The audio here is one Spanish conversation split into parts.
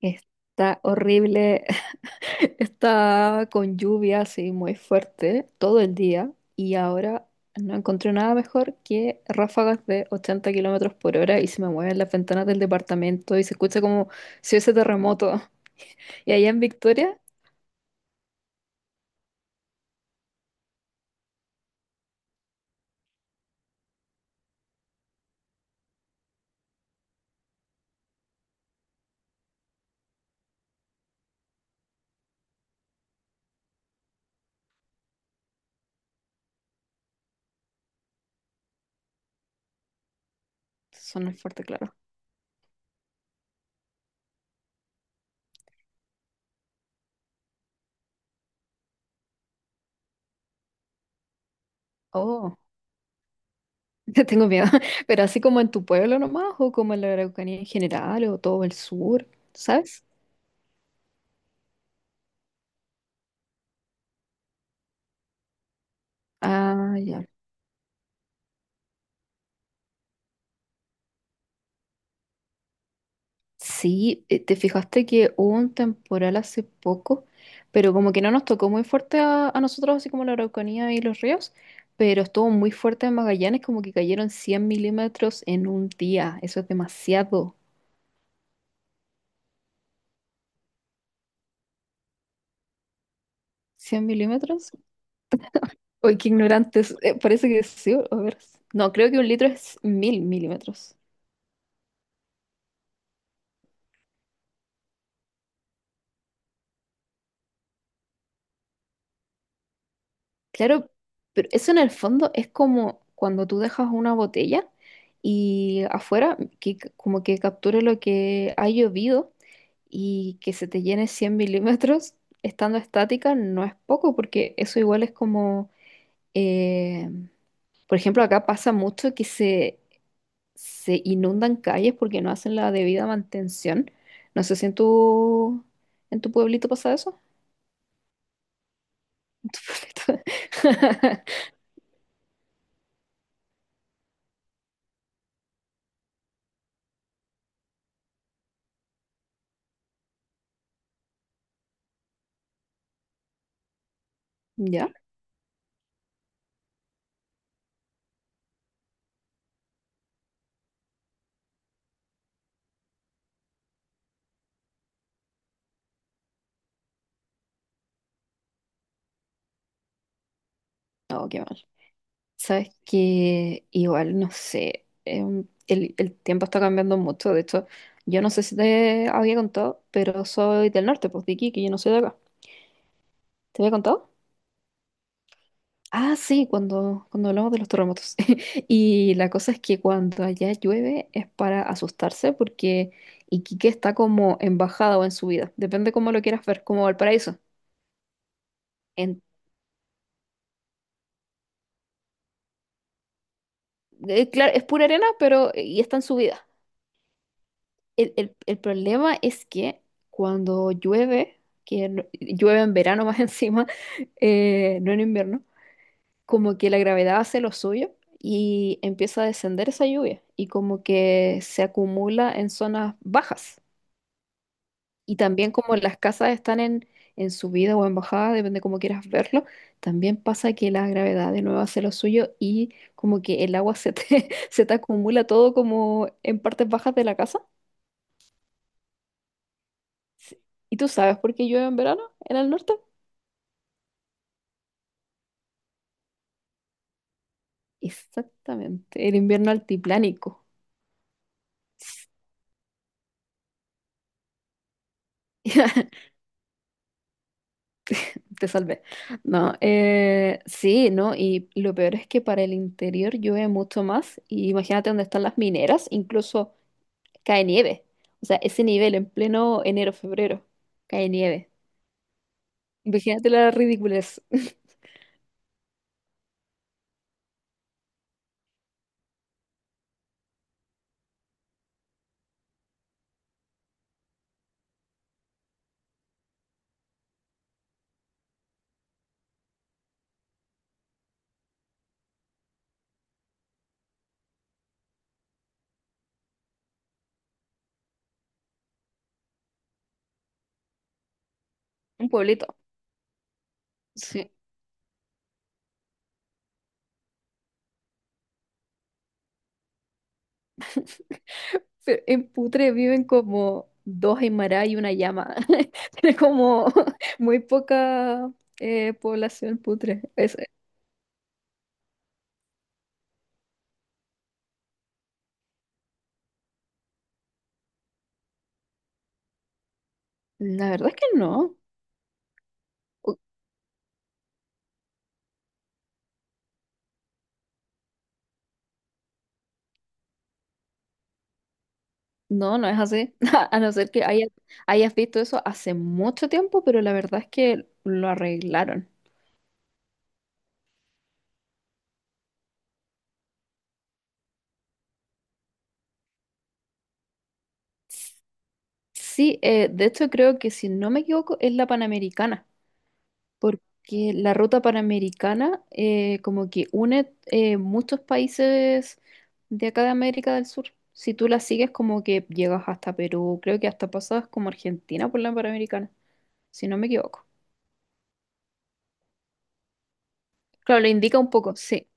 Está horrible, está con lluvia así muy fuerte todo el día y ahora no encontré nada mejor que ráfagas de 80 kilómetros por hora y se me mueven las ventanas del departamento y se escucha como si hubiese terremoto. Y allá en Victoria suena fuerte, claro. Oh, tengo miedo. Pero así como en tu pueblo nomás o como en la Araucanía en general o todo el sur, ¿sabes? Ah, ya. Sí, te fijaste que hubo un temporal hace poco, pero como que no nos tocó muy fuerte a nosotros, así como la Araucanía y los ríos, pero estuvo muy fuerte en Magallanes, como que cayeron 100 milímetros en un día. Eso es demasiado. ¿100 milímetros? Uy, qué ignorantes. Parece que sí, a ver. No, creo que un litro es 1000 milímetros. Claro, pero eso en el fondo es como cuando tú dejas una botella y afuera, que, como que captura lo que ha llovido y que se te llene 100 milímetros estando estática no es poco, porque eso igual es como, eh, por ejemplo, acá pasa mucho que se inundan calles porque no hacen la debida mantención. No sé si en en tu pueblito pasa eso. En tu pueblito. ¿Ya? No, qué mal. Sabes que igual, no sé, el tiempo está cambiando mucho. De hecho, yo no sé si te había contado, pero soy del norte, pues de Iquique, yo no soy de acá. ¿Te había contado? Ah, sí, cuando hablamos de los terremotos. Y la cosa es que cuando allá llueve es para asustarse porque Iquique está como en bajada o en subida. Depende cómo lo quieras ver, como Valparaíso. En, claro, es pura arena, pero y está en subida. El problema es que cuando llueve, que llueve en verano más encima, no en invierno, como que la gravedad hace lo suyo y empieza a descender esa lluvia y como que se acumula en zonas bajas. Y también como las casas están en subida o en bajada, depende cómo quieras verlo, también pasa que la gravedad de nuevo hace lo suyo y como que el agua se te acumula todo como en partes bajas de la casa. Sí. ¿Y tú sabes por qué llueve en verano en el norte? Exactamente, el invierno altiplánico. Te salvé. No, sí, ¿no? Y lo peor es que para el interior llueve mucho más. Y imagínate dónde están las mineras, incluso cae nieve. O sea, ese nivel en pleno enero, febrero, cae nieve. Imagínate la ridiculez. Un pueblito. Sí. Pero en Putre viven como dos Aymara y una llama. Tiene como muy poca población Putre. La verdad es que no. No, no es así. A no ser que hayas visto eso hace mucho tiempo, pero la verdad es que lo arreglaron. Sí, de hecho creo que si no me equivoco es la Panamericana, porque la ruta Panamericana como que une muchos países de acá de América del Sur. Si tú la sigues como que llegas hasta Perú, creo que hasta pasas como Argentina por la Panamericana, si no me equivoco. Claro, lo indica un poco, sí.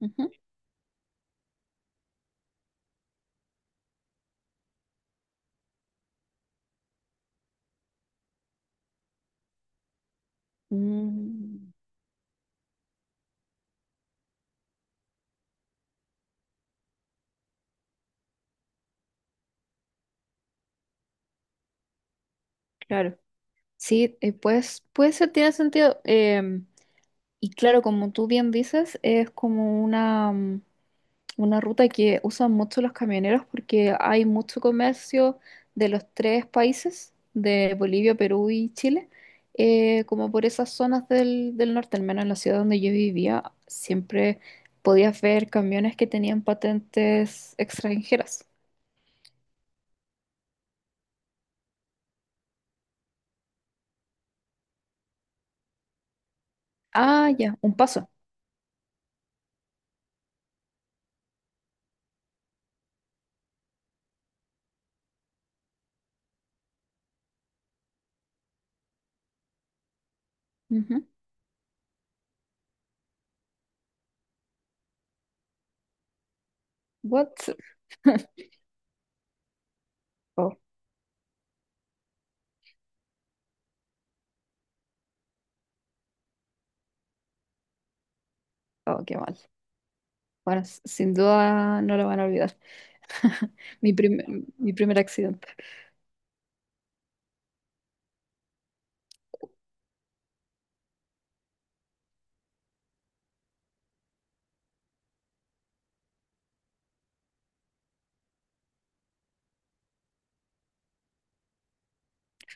Ujú. Mm, claro. Sí, pues, puede ser, tiene sentido. Em, y claro, como tú bien dices, es como una, mm, una ruta que usan mucho los camioneros porque hay mucho comercio de los tres países, de Bolivia, Perú y Chile, como por esas zonas del norte, al menos en la ciudad donde yo vivía, siempre podías ver camiones que tenían patentes extranjeras. Ah, ya, un paso. Ujú. What? Oh, oh, qué mal. Bueno, sin duda no lo van a olvidar. Mi primer, mi primer accidente.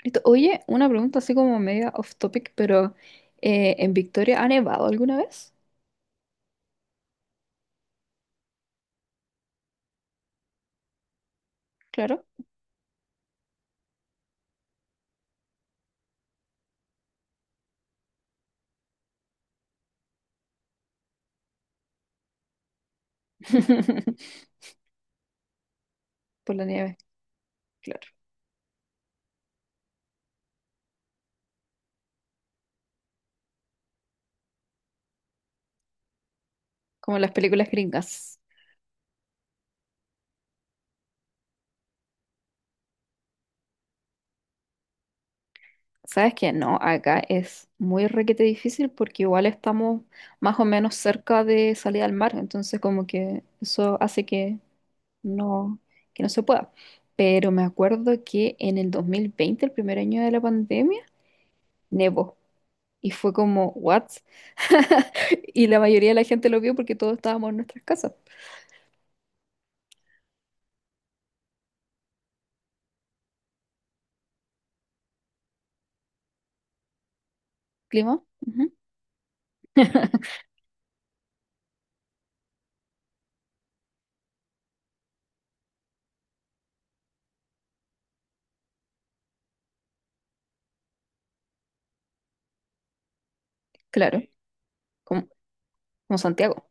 Listo. Oye, una pregunta así como media off topic, pero ¿en Victoria ha nevado alguna vez? Claro. Por la nieve, claro. Como en las películas gringas. ¿Sabes qué? No, acá es muy requete difícil porque igual estamos más o menos cerca de salida al mar, entonces como que eso hace no, que no se pueda. Pero me acuerdo que en el 2020 el primer año de la pandemia, nevó. Y fue como, ¿what? Y la mayoría de la gente lo vio porque todos estábamos en nuestras casas. Clima, ujú. Claro, como, como Santiago,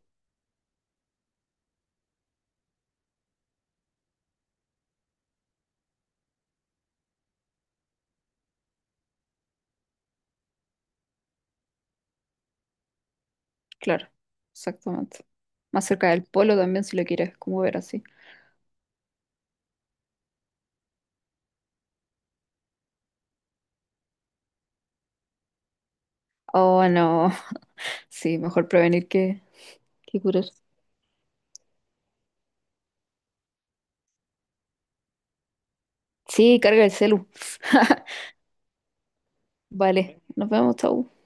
claro, exactamente. Más cerca del polo también, si lo quieres como ver así. Oh, no, sí, mejor prevenir que curar. Sí, carga el celu. Vale, nos vemos, chau.